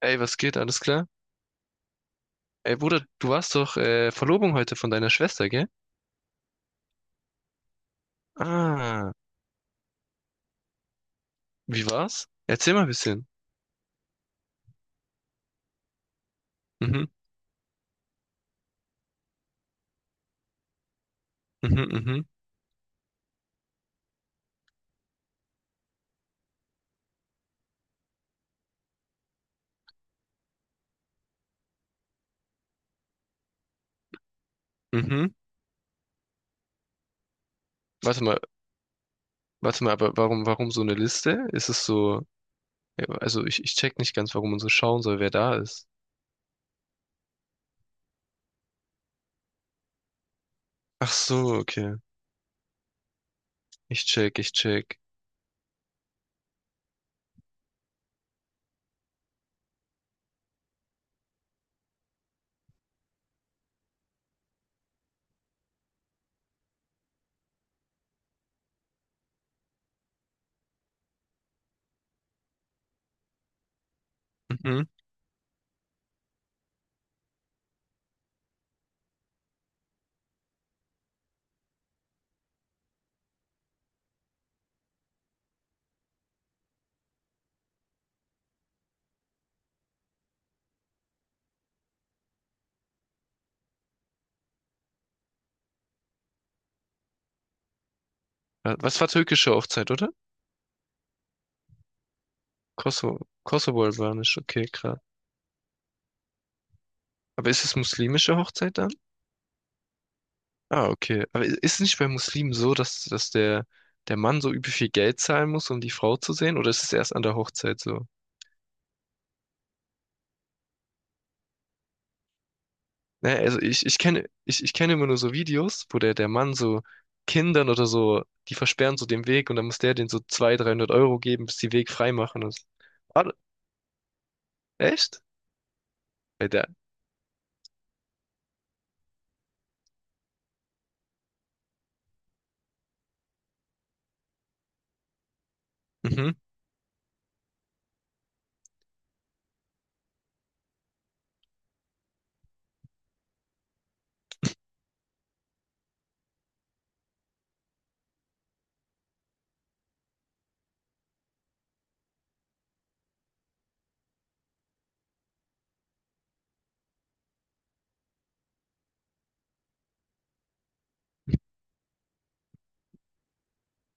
Ey, was geht? Alles klar? Ey, Bruder, du warst doch Verlobung heute von deiner Schwester, gell? Ah, wie war's? Erzähl mal ein bisschen. Mhm, mhm, mhm, mhm. Warte mal, warte mal, aber warum so eine Liste? Ist es so, ja, also ich check nicht ganz, warum man so schauen soll, wer da ist. Ach so, okay. Ich check, ich check. Mhm. Was war türkische Hochzeit, oder? Kosovo-Albanisch, okay, krass. Aber ist es muslimische Hochzeit dann? Ah, okay. Aber ist nicht bei Muslimen so, dass der Mann so übel viel Geld zahlen muss, um die Frau zu sehen? Oder ist es erst an der Hochzeit so? Naja, also ich kenne immer nur so Videos, wo der Mann so Kindern oder so, die versperren so den Weg und dann muss der denen so 200, 300 € geben, bis die Weg frei machen. Und, so. Ah, echt? Bei der, mhm.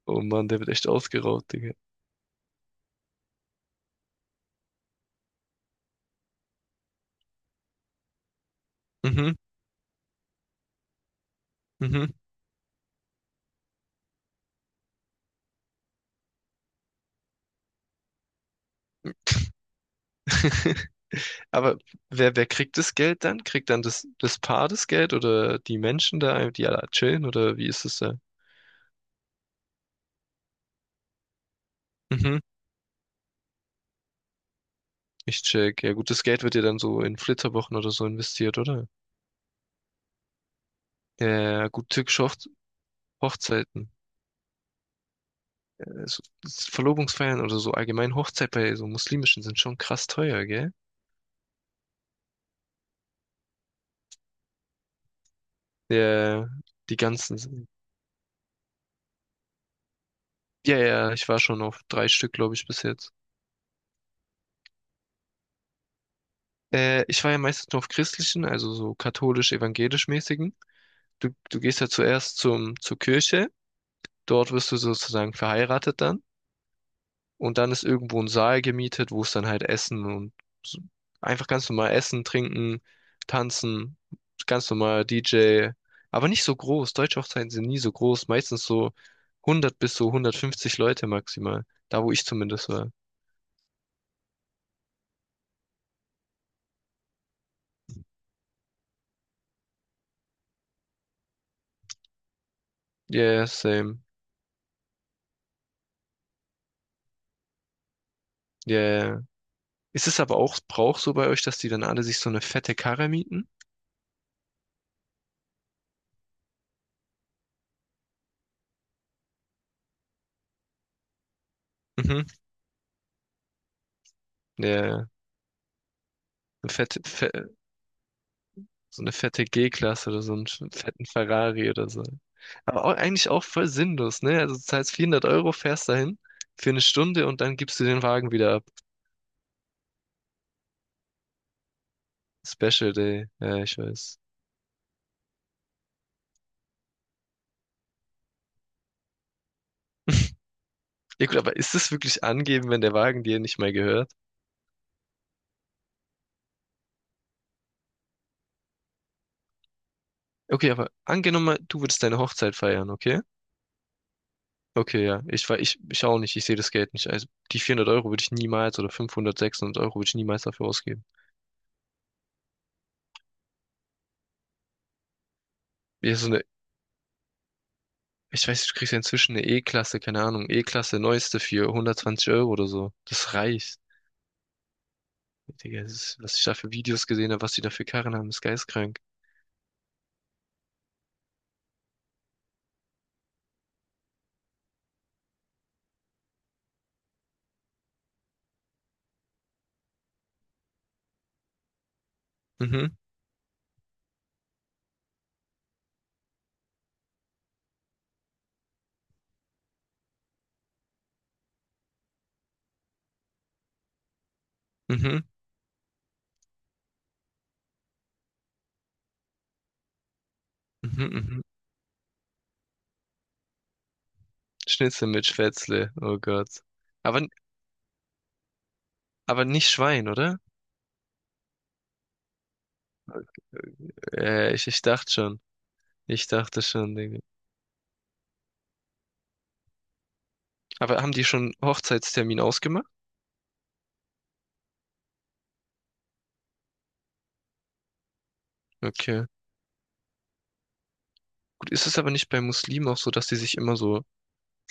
Oh Mann, der wird echt ausgeraubt, Digga. Mhm, mhm. Aber wer kriegt das Geld dann? Kriegt dann das Paar das Geld oder die Menschen da, die alle chillen oder wie ist es da? Mhm, ich check. Ja gut, das Geld wird ja dann so in Flitterwochen oder so investiert, oder? Ja, ja, ja, gut, türkische Hochzeiten, so, Verlobungsfeiern oder so, allgemein Hochzeit bei so muslimischen sind schon krass teuer, gell? Ja, die ganzen sind. Ja, ja, ich war schon auf drei Stück, glaube ich, bis jetzt. Ich war ja meistens nur auf christlichen, also so katholisch-evangelisch-mäßigen. Du gehst ja zuerst zum, zur Kirche, dort wirst du sozusagen verheiratet dann und dann ist irgendwo ein Saal gemietet, wo es dann halt Essen und so, einfach ganz normal Essen, Trinken, Tanzen, ganz normal DJ, aber nicht so groß. Deutsche Hochzeiten sind nie so groß, meistens so 100 bis so 150 Leute maximal, da wo ich zumindest war. Yeah, same. Yeah. Ist es aber auch Brauch so bei euch, dass die dann alle sich so eine fette Karre mieten? Mhm. Ja, ja. eine fette, fe So eine fette G-Klasse oder so einen fetten Ferrari oder so. Aber auch, eigentlich auch voll sinnlos, ne? Also du zahlst 400 Euro, fährst dahin für eine Stunde und dann gibst du den Wagen wieder ab. Special Day, ja, ich weiß. Ja gut, aber ist das wirklich angeben, wenn der Wagen dir nicht mehr gehört? Okay, aber angenommen, mal, du würdest deine Hochzeit feiern, okay? Okay, ja, ich auch nicht, ich sehe das Geld nicht. Also die 400 € würde ich niemals oder 500, 600 € würde ich niemals dafür ausgeben. Ja, so eine. Ich weiß, du kriegst ja inzwischen eine E-Klasse, keine Ahnung, E-Klasse neueste für 120 € oder so. Das reicht. Digga, das ist, was ich da für Videos gesehen habe, was die da für Karren haben, ist geistkrank. Mhm, mhm, mhm, mhm. Schnitzel mit Spätzle, oh Gott. Aber, aber nicht Schwein, oder? Ich dachte schon. Ich dachte schon, Digga. Aber haben die schon Hochzeitstermin ausgemacht? Okay. Gut, ist es aber nicht bei Muslimen auch so, dass die sich immer so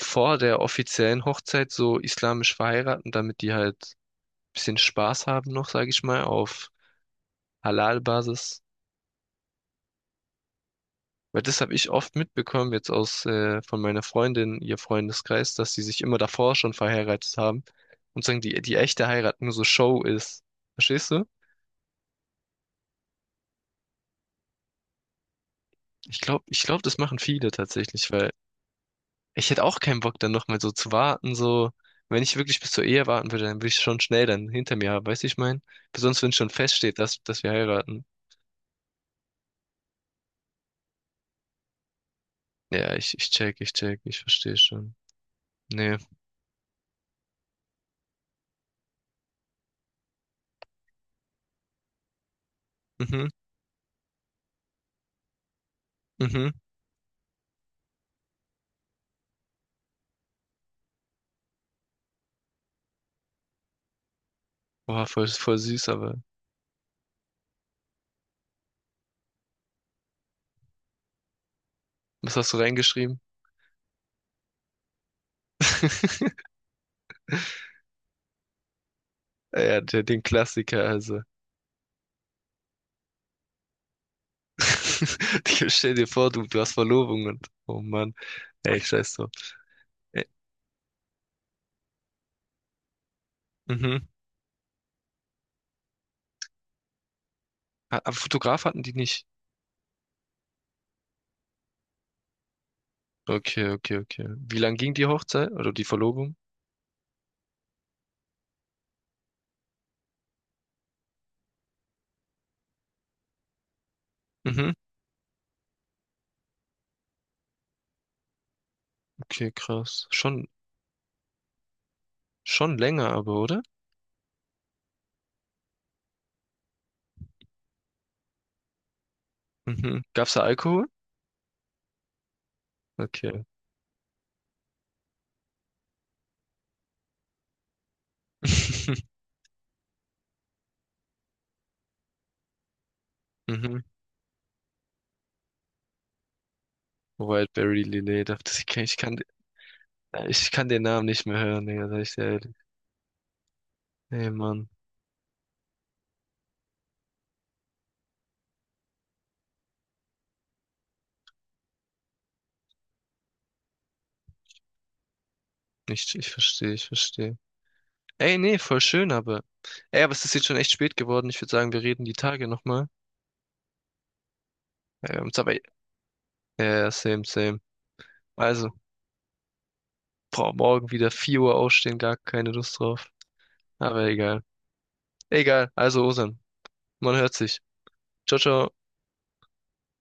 vor der offiziellen Hochzeit so islamisch verheiraten, damit die halt bisschen Spaß haben noch, sage ich mal, auf Halal-Basis. Weil das habe ich oft mitbekommen, jetzt aus von meiner Freundin, ihr Freundeskreis, dass sie sich immer davor schon verheiratet haben und sagen, die echte Heirat nur so Show ist. Verstehst du? Ich glaube, das machen viele tatsächlich, weil ich hätte auch keinen Bock, dann nochmal so zu warten, so. Wenn ich wirklich bis zur Ehe warten würde, dann würde ich schon schnell dann hinter mir haben, weißt du, ich mein? Besonders wenn schon feststeht, dass wir heiraten. Ja, ich check, ich check, ich verstehe schon. Nee. Mhm. Mhm. Boah, voll, voll süß, aber was hast du reingeschrieben? Ja, der, den Klassiker, also. Ich Stell dir vor, du hast Verlobung und, oh Mann, ey, scheiß drauf. Ey, mhm. Ah, aber Fotograf hatten die nicht. Okay, okay, okay. Wie lang ging die Hochzeit oder die Verlobung? Mhm. Okay, krass. Schon länger, aber, oder? Mhm. Gab's da Alkohol? Okay. Mhm. Wildberry Lillet, ich kann den Namen nicht mehr hören, Digga, sag ich dir ehrlich. Ey, Mann. Ich verstehe. Ey, nee, voll schön, aber. Ey, aber es ist jetzt schon echt spät geworden. Ich würde sagen, wir reden die Tage nochmal. Ist aber, ja, ja, same, same. Also, boah, morgen wieder 4 Uhr aufstehen, gar keine Lust drauf. Aber egal. Egal, also Osan, man hört sich. Ciao, ciao.